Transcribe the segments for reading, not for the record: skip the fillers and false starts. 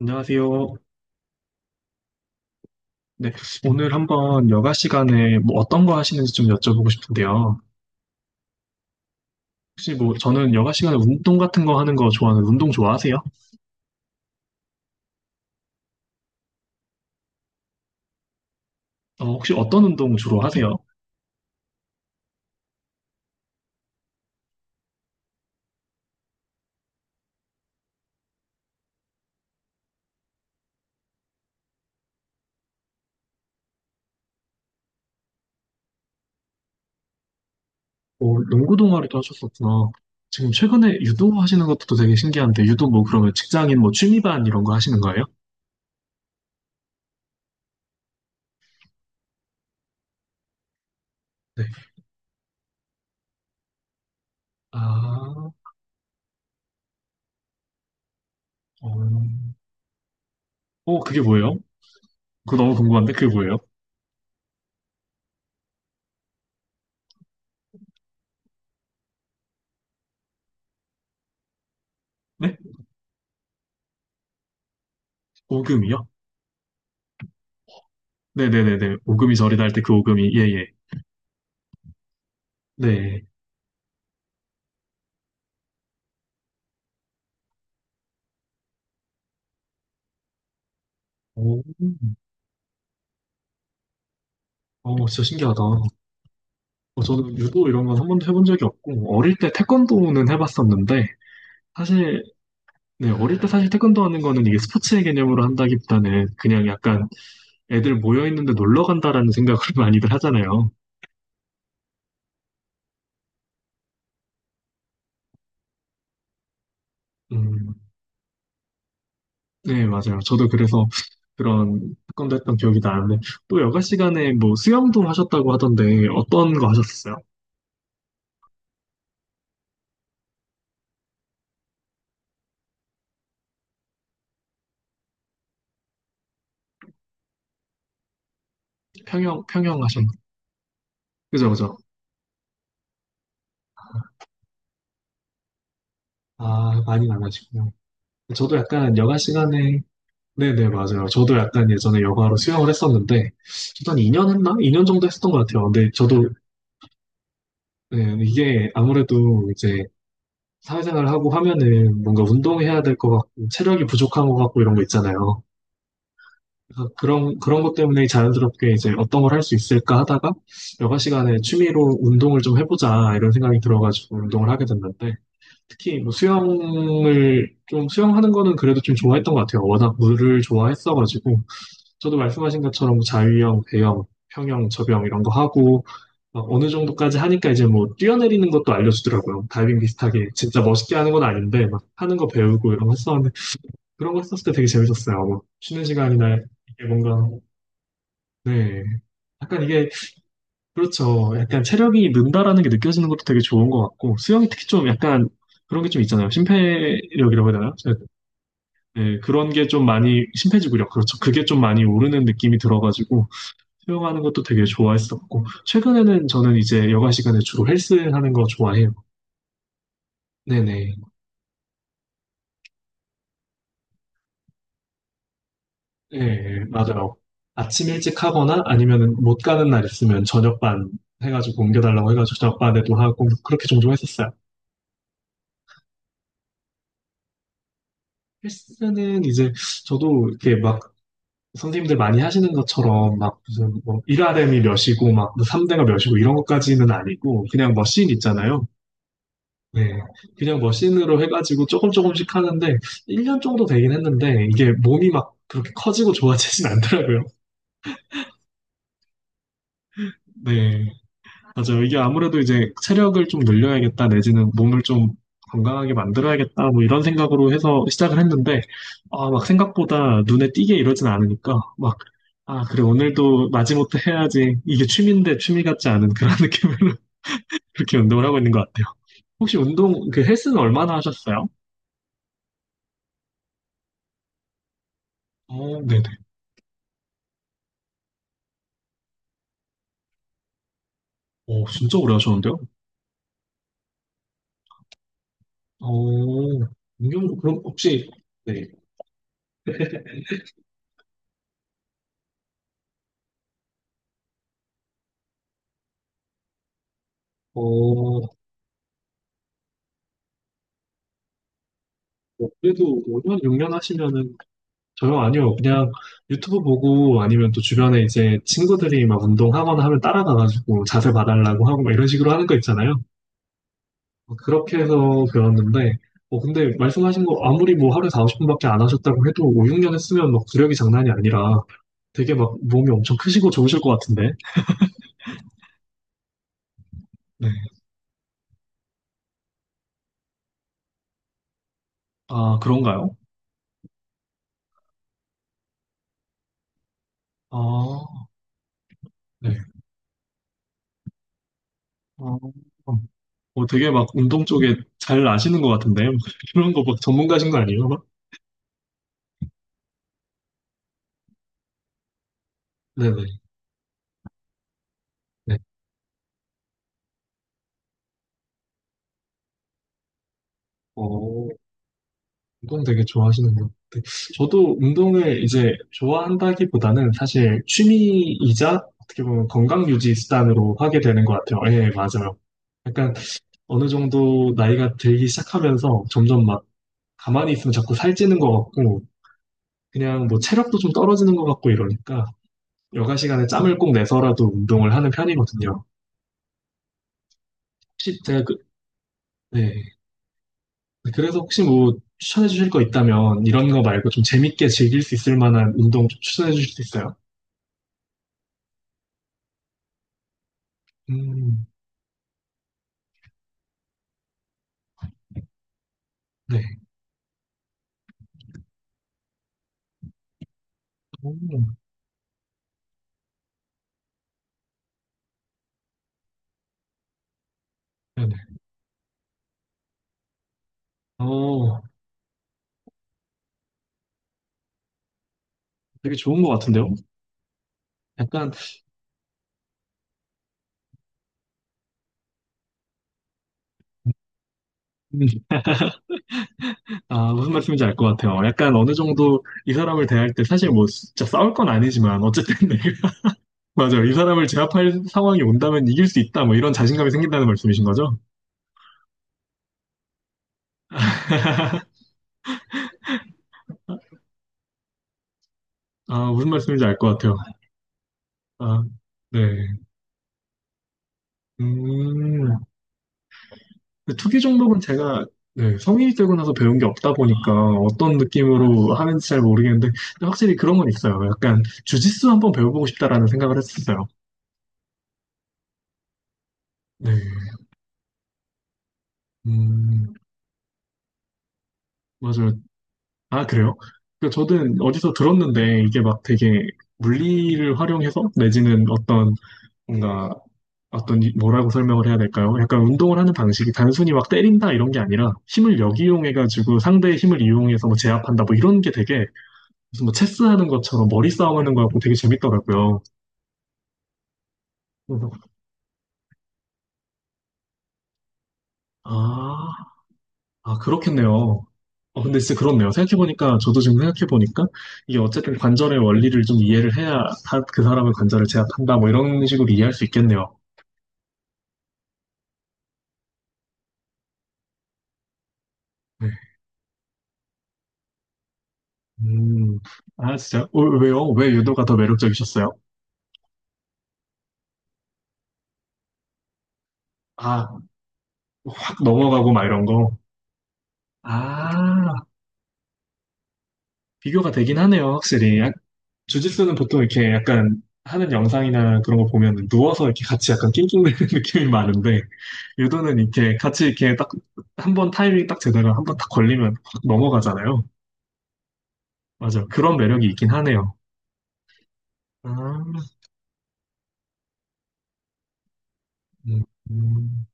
안녕하세요. 네, 오늘 한번 여가 시간에 뭐 어떤 거 하시는지 좀 여쭤보고 싶은데요. 혹시 뭐 저는 여가 시간에 운동 같은 거 하는 거 좋아하는 운동 좋아하세요? 어, 혹시 어떤 운동 주로 하세요? 어, 농구 동아리도 하셨었구나. 지금 최근에 유도 하시는 것도 되게 신기한데 유도 뭐 그러면 직장인 뭐 취미반 이런 거 하시는 거예요? 네. 아, 어, 그게 뭐예요? 그거 너무 궁금한데 그게 뭐예요? 네? 오금이요? 네네네네. 오금이 저리다 할 때 그 오금이 예예. 네. 오, 어, 진짜 신기하다. 어, 저는 유도 이런 건 한 번도 해본 적이 없고, 어릴 때 태권도는 해봤었는데, 사실, 네, 어릴 때 사실 태권도 하는 거는 이게 스포츠의 개념으로 한다기보다는 그냥 약간 애들 모여있는데 놀러 간다라는 생각을 많이들 하잖아요. 음, 네, 맞아요. 저도 그래서 그런 태권도 했던 기억이 나는데, 또 여가 시간에 뭐 수영도 하셨다고 하던데, 어떤 거 하셨어요? 평영, 평영 하셨나요? 그죠, 그죠. 아, 많이 안 하시구나. 저도 약간 여가 시간에 네네, 맞아요. 저도 약간 예전에 여가로 수영을 했었는데, 저도 한 2년 했나? 2년 정도 했었던 것 같아요. 근데 저도, 네, 이게 아무래도 이제 사회생활을 하고 하면은 뭔가 운동해야 될 것 같고, 체력이 부족한 것 같고 이런 거 있잖아요. 그래서 그런 것 때문에 자연스럽게 이제 어떤 걸 할 수 있을까 하다가, 여가 시간에 취미로 운동을 좀 해보자, 이런 생각이 들어가지고 운동을 하게 됐는데, 특히 뭐 좀 수영하는 거는 그래도 좀 좋아했던 것 같아요. 워낙 물을 좋아했어가지고, 저도 말씀하신 것처럼 뭐 자유형, 배영, 평영, 접영 이런 거 하고 막 어느 정도까지 하니까 이제 뭐 뛰어내리는 것도 알려주더라고요. 다이빙 비슷하게 진짜 멋있게 하는 건 아닌데 막 하는 거 배우고 이런 거 했었는데 그런 거 했었을 때 되게 재밌었어요. 뭐 쉬는 시간이나 이게 뭔가 네, 약간 이게 그렇죠. 약간 체력이 는다라는 게 느껴지는 것도 되게 좋은 것 같고 수영이 특히 좀 약간 그런 게 좀 있잖아요. 심폐력이라고 해야 되나요? 네, 그런 게 좀 많이 심폐지구력 그렇죠. 그게 좀 많이 오르는 느낌이 들어가지고 수영하는 것도 되게 좋아했었고, 최근에는 저는 이제 여가 시간에 주로 헬스 하는 거 좋아해요. 네네. 예, 맞아요. 아침 일찍 하거나 아니면은 못 가는 날 있으면 저녁반 해가지고 옮겨달라고 해가지고 저녁반에도 하고, 그렇게 종종 했었어요. 헬스는 이제 저도 이렇게 막 선생님들 많이 하시는 것처럼 막 무슨 뭐 1RM이 몇이고 막 3대가 몇이고 이런 것까지는 아니고, 그냥 머신 있잖아요. 네. 그냥 머신으로 해가지고 조금씩 하는데, 1년 정도 되긴 했는데, 이게 몸이 막 그렇게 커지고 좋아지진 않더라고요. 네. 맞아요. 이게 아무래도 이제 체력을 좀 늘려야겠다, 내지는 몸을 좀 건강하게 만들어야겠다, 뭐 이런 생각으로 해서 시작을 했는데, 아, 막 생각보다 눈에 띄게 이러진 않으니까, 막, 아, 그래, 오늘도 마지못해 해야지. 이게 취미인데 취미 같지 않은 그런 느낌으로 그렇게 운동을 하고 있는 것 같아요. 혹시 운동, 그 헬스는 얼마나 하셨어요? 어, 네네. 오, 진짜 오래 하셨는데요? 어, 경 그럼 혹시, 네, 어, 뭐 그래도 5년, 6년 하시면은 저요, 아니요. 그냥 유튜브 보고 아니면 또 주변에 이제 친구들이 막 운동하거나 하면 따라가가지고 자세 봐달라고 하고 막 이런 식으로 하는 거 있잖아요. 어, 그렇게 해서 배웠는데, 어, 근데 말씀하신 거 아무리 뭐 하루에 40분밖에 안 하셨다고 해도 5, 6년 했으면 막 구력이 장난이 아니라 되게 막 몸이 엄청 크시고 좋으실 것 같은데. 네. 아, 그런가요? 아, 네. 어, 되게 막 운동 쪽에 잘 아시는 것 같은데? 막 이런 거 막 전문가신 거 아니에요? 막? 네네. 네. 어, 운동 되게 좋아하시는 것 같아요. 저도 운동을 이제 좋아한다기보다는 사실 취미이자 어떻게 보면 건강 유지 수단으로 하게 되는 것 같아요. 예, 맞아요. 약간 어느 정도 나이가 들기 시작하면서 점점 막 가만히 있으면 자꾸 살찌는 것 같고 그냥 뭐 체력도 좀 떨어지는 것 같고 이러니까 여가 시간에 짬을 꼭 내서라도 운동을 하는 편이거든요. 혹시 제가 그, 네. 네, 그래서 혹시 뭐 추천해 주실 거 있다면 이런 거 말고 좀 재밌게 즐길 수 있을 만한 운동 좀 추천해 주실 수 있어요? 음, 네. 오, 네네. 어, 되게 좋은 것 같은데요? 약간, 음, 아, 무슨 말씀인지 알 것 같아요. 약간 어느 정도 이 사람을 대할 때 사실 뭐 진짜 싸울 건 아니지만 어쨌든, 네. 맞아요. 이 사람을 제압할 상황이 온다면 이길 수 있다. 뭐 이런 자신감이 생긴다는 말씀이신 거죠? 아, 무슨 말씀인지 알 것 같아요. 아, 네. 음, 근데 투기 종목은 제가 네, 성인이 되고 나서 배운 게 없다 보니까 어떤 느낌으로 하는지 잘 모르겠는데 근데 확실히 그런 건 있어요. 약간 주짓수 한번 배워보고 싶다라는 생각을 했었어요. 네, 음, 맞아요. 아, 그래요? 그 저는 어디서 들었는데 이게 막 되게 물리를 활용해서 내지는 어떤 뭔가 어떤 뭐라고 설명을 해야 될까요? 약간 운동을 하는 방식이 단순히 막 때린다 이런 게 아니라 힘을 역이용해가지고 상대의 힘을 이용해서 뭐 제압한다 뭐 이런 게 되게 무슨 뭐 체스 하는 것처럼 머리 싸움 하는 거고 되게 재밌더라고요. 그래서 아, 아, 그렇겠네요. 어, 근데 진짜 그렇네요. 생각해보니까, 저도 지금 생각해보니까, 이게 어쨌든 관절의 원리를 좀 이해를 해야 그 사람의 관절을 제압한다, 뭐 이런 식으로 이해할 수 있겠네요. 네. 음, 아, 진짜? 어, 왜요? 왜 유도가 더 매력적이셨어요? 아, 팍 넘어가고 막 이런 거. 아, 비교가 되긴 하네요, 확실히. 주짓수는 보통 이렇게 약간 하는 영상이나 그런 거 보면 누워서 이렇게 같이 약간 낑낑대는 느낌이 많은데 유도는 이렇게 같이 이렇게 딱 한번 타이밍 딱 제대로 한 번 딱 걸리면 확 넘어가잖아요. 맞아. 그런 매력이 있긴 하네요. 아, 음, 음,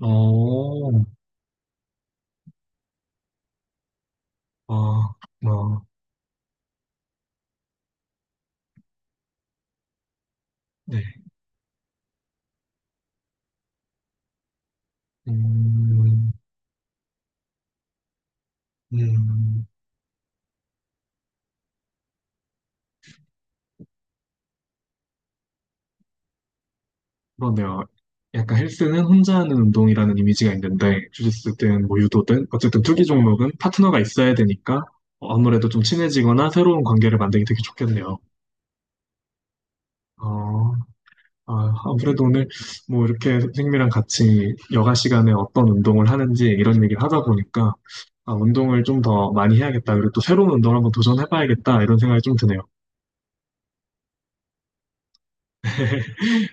어, 아, 아, 네. 음, 음. 그러네요. 약간 헬스는 혼자 하는 운동이라는 이미지가 있는데, 주짓수든 뭐 유도든, 어쨌든 투기 종목은 파트너가 있어야 되니까, 어, 아무래도 좀 친해지거나 새로운 관계를 만들기 되게 좋겠네요. 어, 아, 아무래도 오늘 뭐 이렇게 선생님이랑 같이 여가 시간에 어떤 운동을 하는지 이런 얘기를 하다 보니까, 아, 운동을 좀 더 많이 해야겠다. 그리고 또 새로운 운동을 한번 도전해봐야겠다. 이런 생각이 좀 드네요.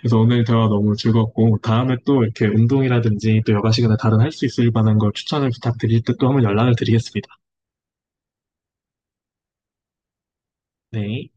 그래서 오늘 대화 너무 즐겁고 다음에 또 이렇게 운동이라든지 또 여가 시간에 다른 할 수 있을 만한 걸 추천을 부탁드릴 때 또 한번 연락을 드리겠습니다. 네.